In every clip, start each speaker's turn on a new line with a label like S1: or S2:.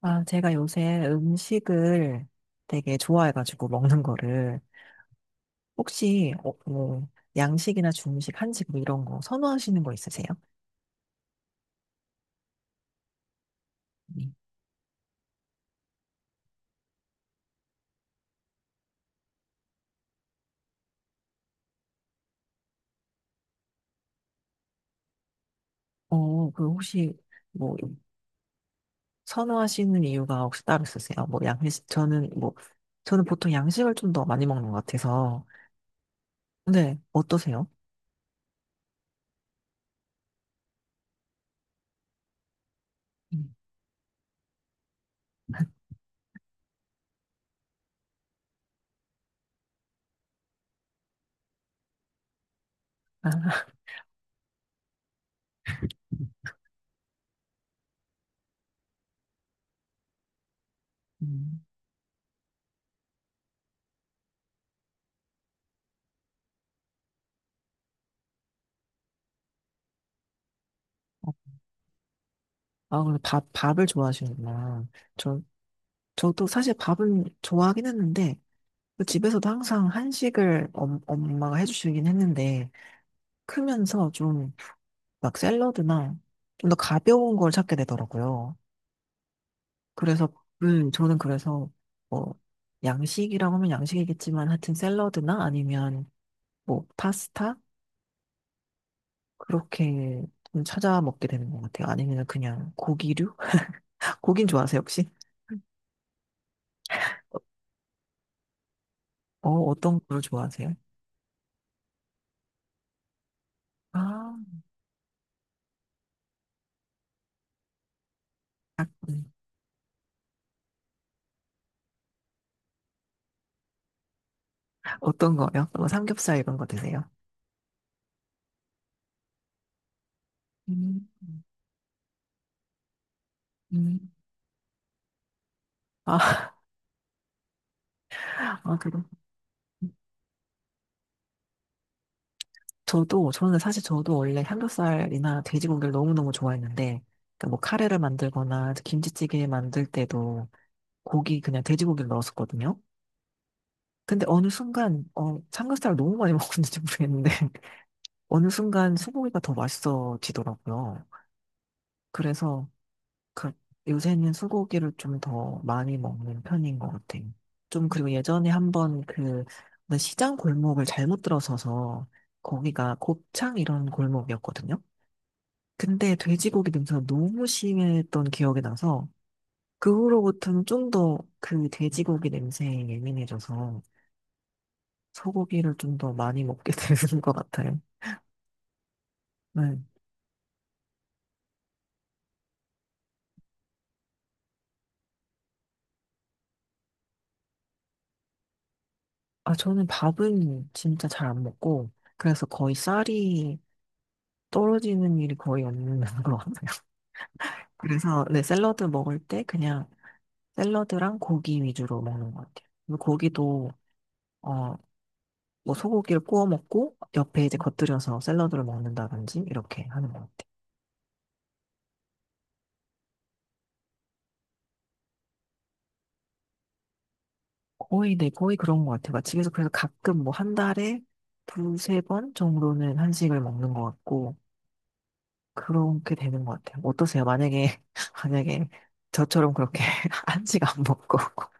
S1: 아, 제가 요새 음식을 되게 좋아해가지고 먹는 거를 혹시 뭐 양식이나 중식, 한식 뭐 이런 거 선호하시는 거 있으세요? 네. 그 혹시 뭐 선호하시는 이유가 혹시 따로 있으세요? 뭐 양식 저는 보통 양식을 좀 더 많이 먹는 것 같아서 근데 어떠세요? 음. 아, 음. 어, 아, 그럼 밥 밥을 좋아하시는구나. 저 저도 사실 밥은 좋아하긴 했는데 그 집에서도 항상 한식을 엄마가 해주시긴 했는데, 크면서 좀 막 샐러드나 좀 더 가벼운 걸 찾게 되더라고요. 그래서, 저는 그래서 뭐, 양식이라고 하면 양식이겠지만, 하여튼 샐러드나 아니면 뭐, 파스타? 그렇게 좀 찾아 먹게 되는 것 같아요. 아니면 그냥 고기류? 고긴 좋아하세요, 혹시? 어, 어떤 걸 좋아하세요? 아, 음. 어떤 거요? 뭐 삼겹살 이런 거 드세요? 음, 음. 아, 아, 그래. 저는 사실 저도 원래 삼겹살이나 돼지고기를 너무너무 좋아했는데, 그러니까 뭐 카레를 만들거나 김치찌개 만들 때도 그냥 돼지고기를 넣었었거든요. 근데 어느 순간, 삼겹살을 너무 많이 먹었는지 모르겠는데, 어느 순간 소고기가 더 맛있어지더라고요. 그래서 그, 요새는 소고기를 좀 더 많이 먹는 편인 것 같아요. 좀 그리고 예전에 한번 시장 골목을 잘못 들어서서 거기가 곱창 이런 골목이었거든요. 근데 돼지고기 냄새가 너무 심했던 기억이 나서 그 후로부터는 좀 더 그 돼지고기 냄새에 예민해져서 소고기를 좀 더 많이 먹게 되는 것 같아요. 네. 아, 저는 밥은 진짜 잘 안 먹고 그래서 거의 쌀이 떨어지는 일이 거의 없는 것 같아요. 그래서 네, 샐러드 먹을 때 그냥 샐러드랑 고기 위주로 먹는 것 같아요. 그리고 고기도 어, 뭐 소고기를 구워 먹고 옆에 이제 겉들여서 샐러드를 먹는다든지 이렇게 하는 거. 거의, 네, 거의 그런 것 같아요. 집에서 그래서 가끔 뭐 한 달에 두세 번 정도는 한식을 먹는 것 같고, 그렇게 되는 것 같아요. 어떠세요? 만약에, 만약에 저처럼 그렇게 한식 안 먹고,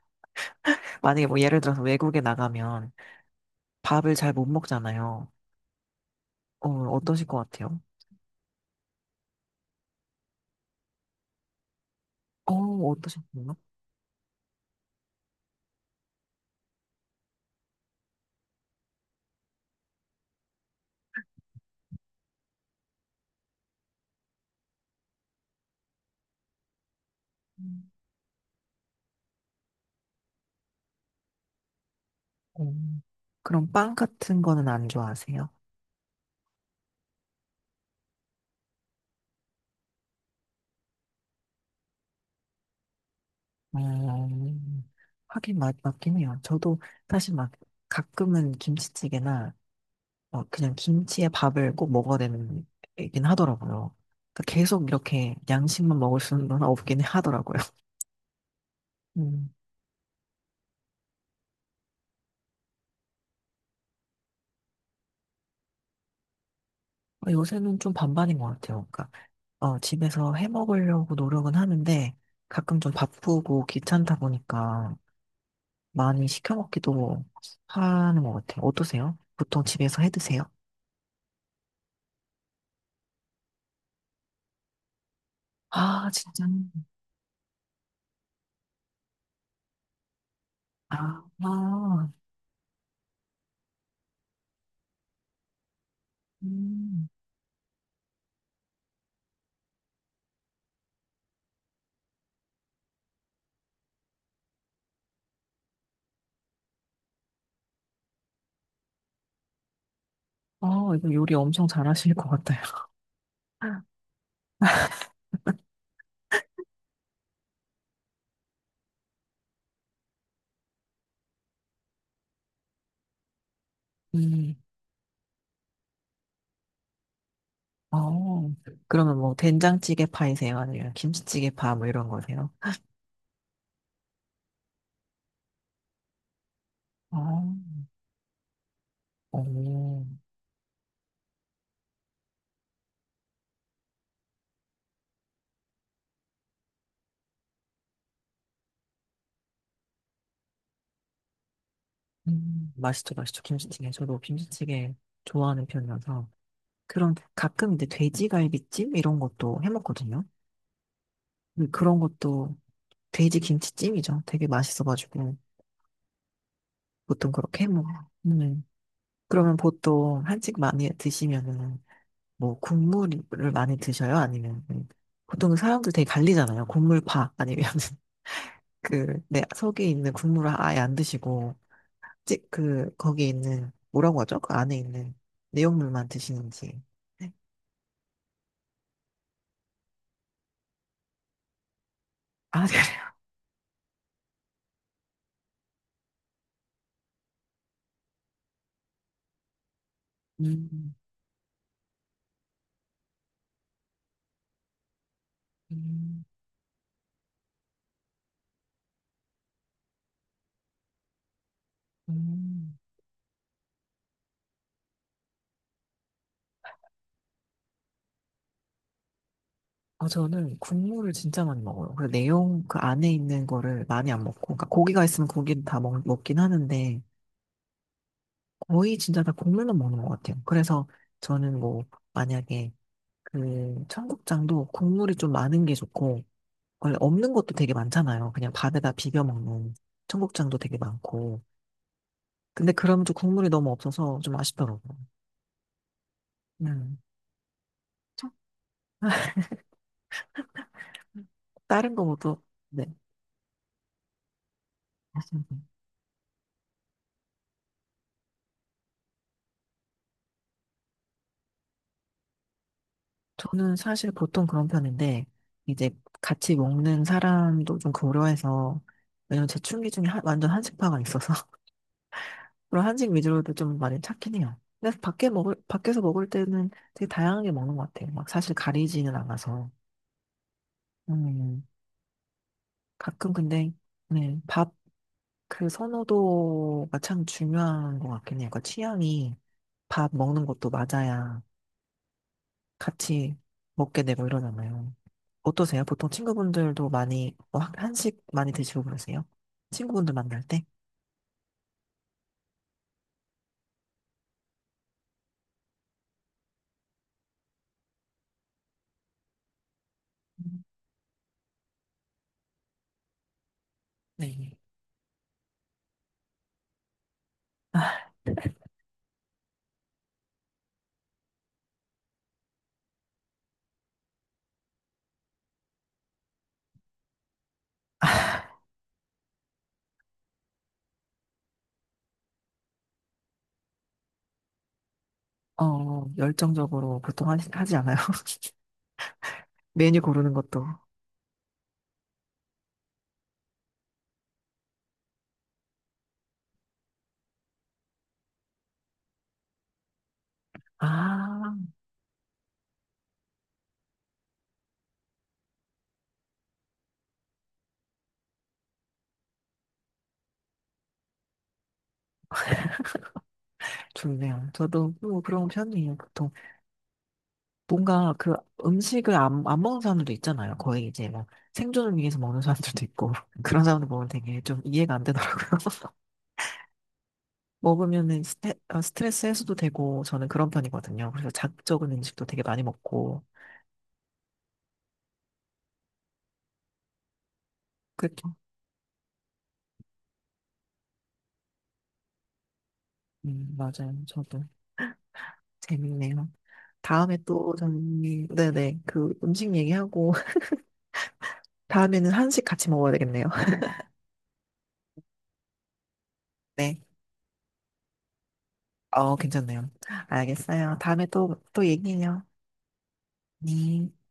S1: 만약에 뭐 예를 들어서 외국에 나가면 밥을 잘 못 먹잖아요. 어, 어떠실 것 같아요? 어, 어떠셨나요? 음. 어, 그럼 빵 같은 거는 안 좋아하세요? 음, 하긴 맞긴 해요. 저도 사실 막 가끔은 김치찌개나 막 그냥 김치에 밥을 꼭 먹어야 되는 얘긴 하더라고요. 그러니까 계속 이렇게 양식만 먹을 수는 없긴 하더라고요. 음. 어, 요새는 좀 반반인 것 같아요. 그러니까 집에서 해 먹으려고 노력은 하는데 가끔 좀 바쁘고 귀찮다 보니까 많이 시켜 먹기도 하는 것 같아요. 어떠세요? 보통 집에서 해 드세요? 아, 진짜. 아, 아, 음. 어, 이거 요리 엄청 잘하실 것 같아요. 음. 어, 그러면 뭐 된장찌개 파이세요? 아니면 김치찌개 파 뭐 이런 거세요? 어, 오 맛있죠, 맛있죠. 김치찌개. 저도 김치찌개 좋아하는 편이라서. 그런 가끔 이제 돼지갈비찜 이런 것도 해 먹거든요. 근데 그런 것도 돼지 김치찜이죠. 되게 맛있어가지고 보통 그렇게 해 먹어요. 음. 그러면 보통 한식 많이 드시면은 뭐 국물을 많이 드셔요? 아니면 보통 사람들 되게 갈리잖아요. 국물파 아니면 내 속에 있는 국물을 아예 안 드시고, 거기에 있는, 뭐라고 하죠? 그 안에 있는 내용물만 드시는지. 네. 아, 그래요? 음, 음, 음. 아, 저는 국물을 진짜 많이 먹어요. 그 안에 있는 거를 많이 안 먹고, 그러니까 고기가 있으면 먹긴 하는데, 거의 진짜 다 국물만 먹는 것 같아요. 그래서 저는 뭐, 만약에 그 청국장도 국물이 좀 많은 게 좋고, 원래 없는 것도 되게 많잖아요. 그냥 밥에다 비벼 먹는 청국장도 되게 많고. 근데 그러면 좀 국물이 너무 없어서 좀 아쉽더라고요. 음. 다른 거 모두, 네. 맞습니다. 저는 사실 보통 그런 편인데, 이제 같이 먹는 사람도 좀 고려해서, 왜냐면 제 충기 중에 완전 한식파가 있어서, 그런 한식 위주로도 좀 많이 찾긴 해요. 근데 밖에서 먹을 때는 되게 다양하게 먹는 것 같아요. 막 사실 가리지는 않아서. 음, 가끔 근데, 네, 밥, 그 선호도가 참 중요한 것 같긴 해요. 그 취향이 밥 먹는 것도 맞아야 같이 먹게 되고 이러잖아요. 어떠세요? 보통 친구분들도 많이 한식 많이 드시고 그러세요? 친구분들 만날 때? 음. 네. 아, 어, 열정적으로 보통 한식 하지 않아요? 메뉴 고르는 것도. 아, 좋네요. 저도 뭐 그런 편이에요, 보통. 뭔가 그 음식을 안, 안 먹는 사람들도 있잖아요. 거의 이제 막 생존을 위해서 먹는 사람들도 있고. 그런 사람들 보면 되게 좀 이해가 안 되더라고요. 먹으면은 스트레스 해소도 되고, 저는 그런 편이거든요. 그래서 자극적인 음식도 되게 많이 먹고. 그렇죠. 맞아요. 저도. 재밌네요. 다음에 또 저는, 네네. 그 음식 얘기하고, 다음에는 한식 같이 먹어야 되겠네요. 네. 어, 괜찮네요. 알겠어요. 다음에 또, 또 얘기해요. 네.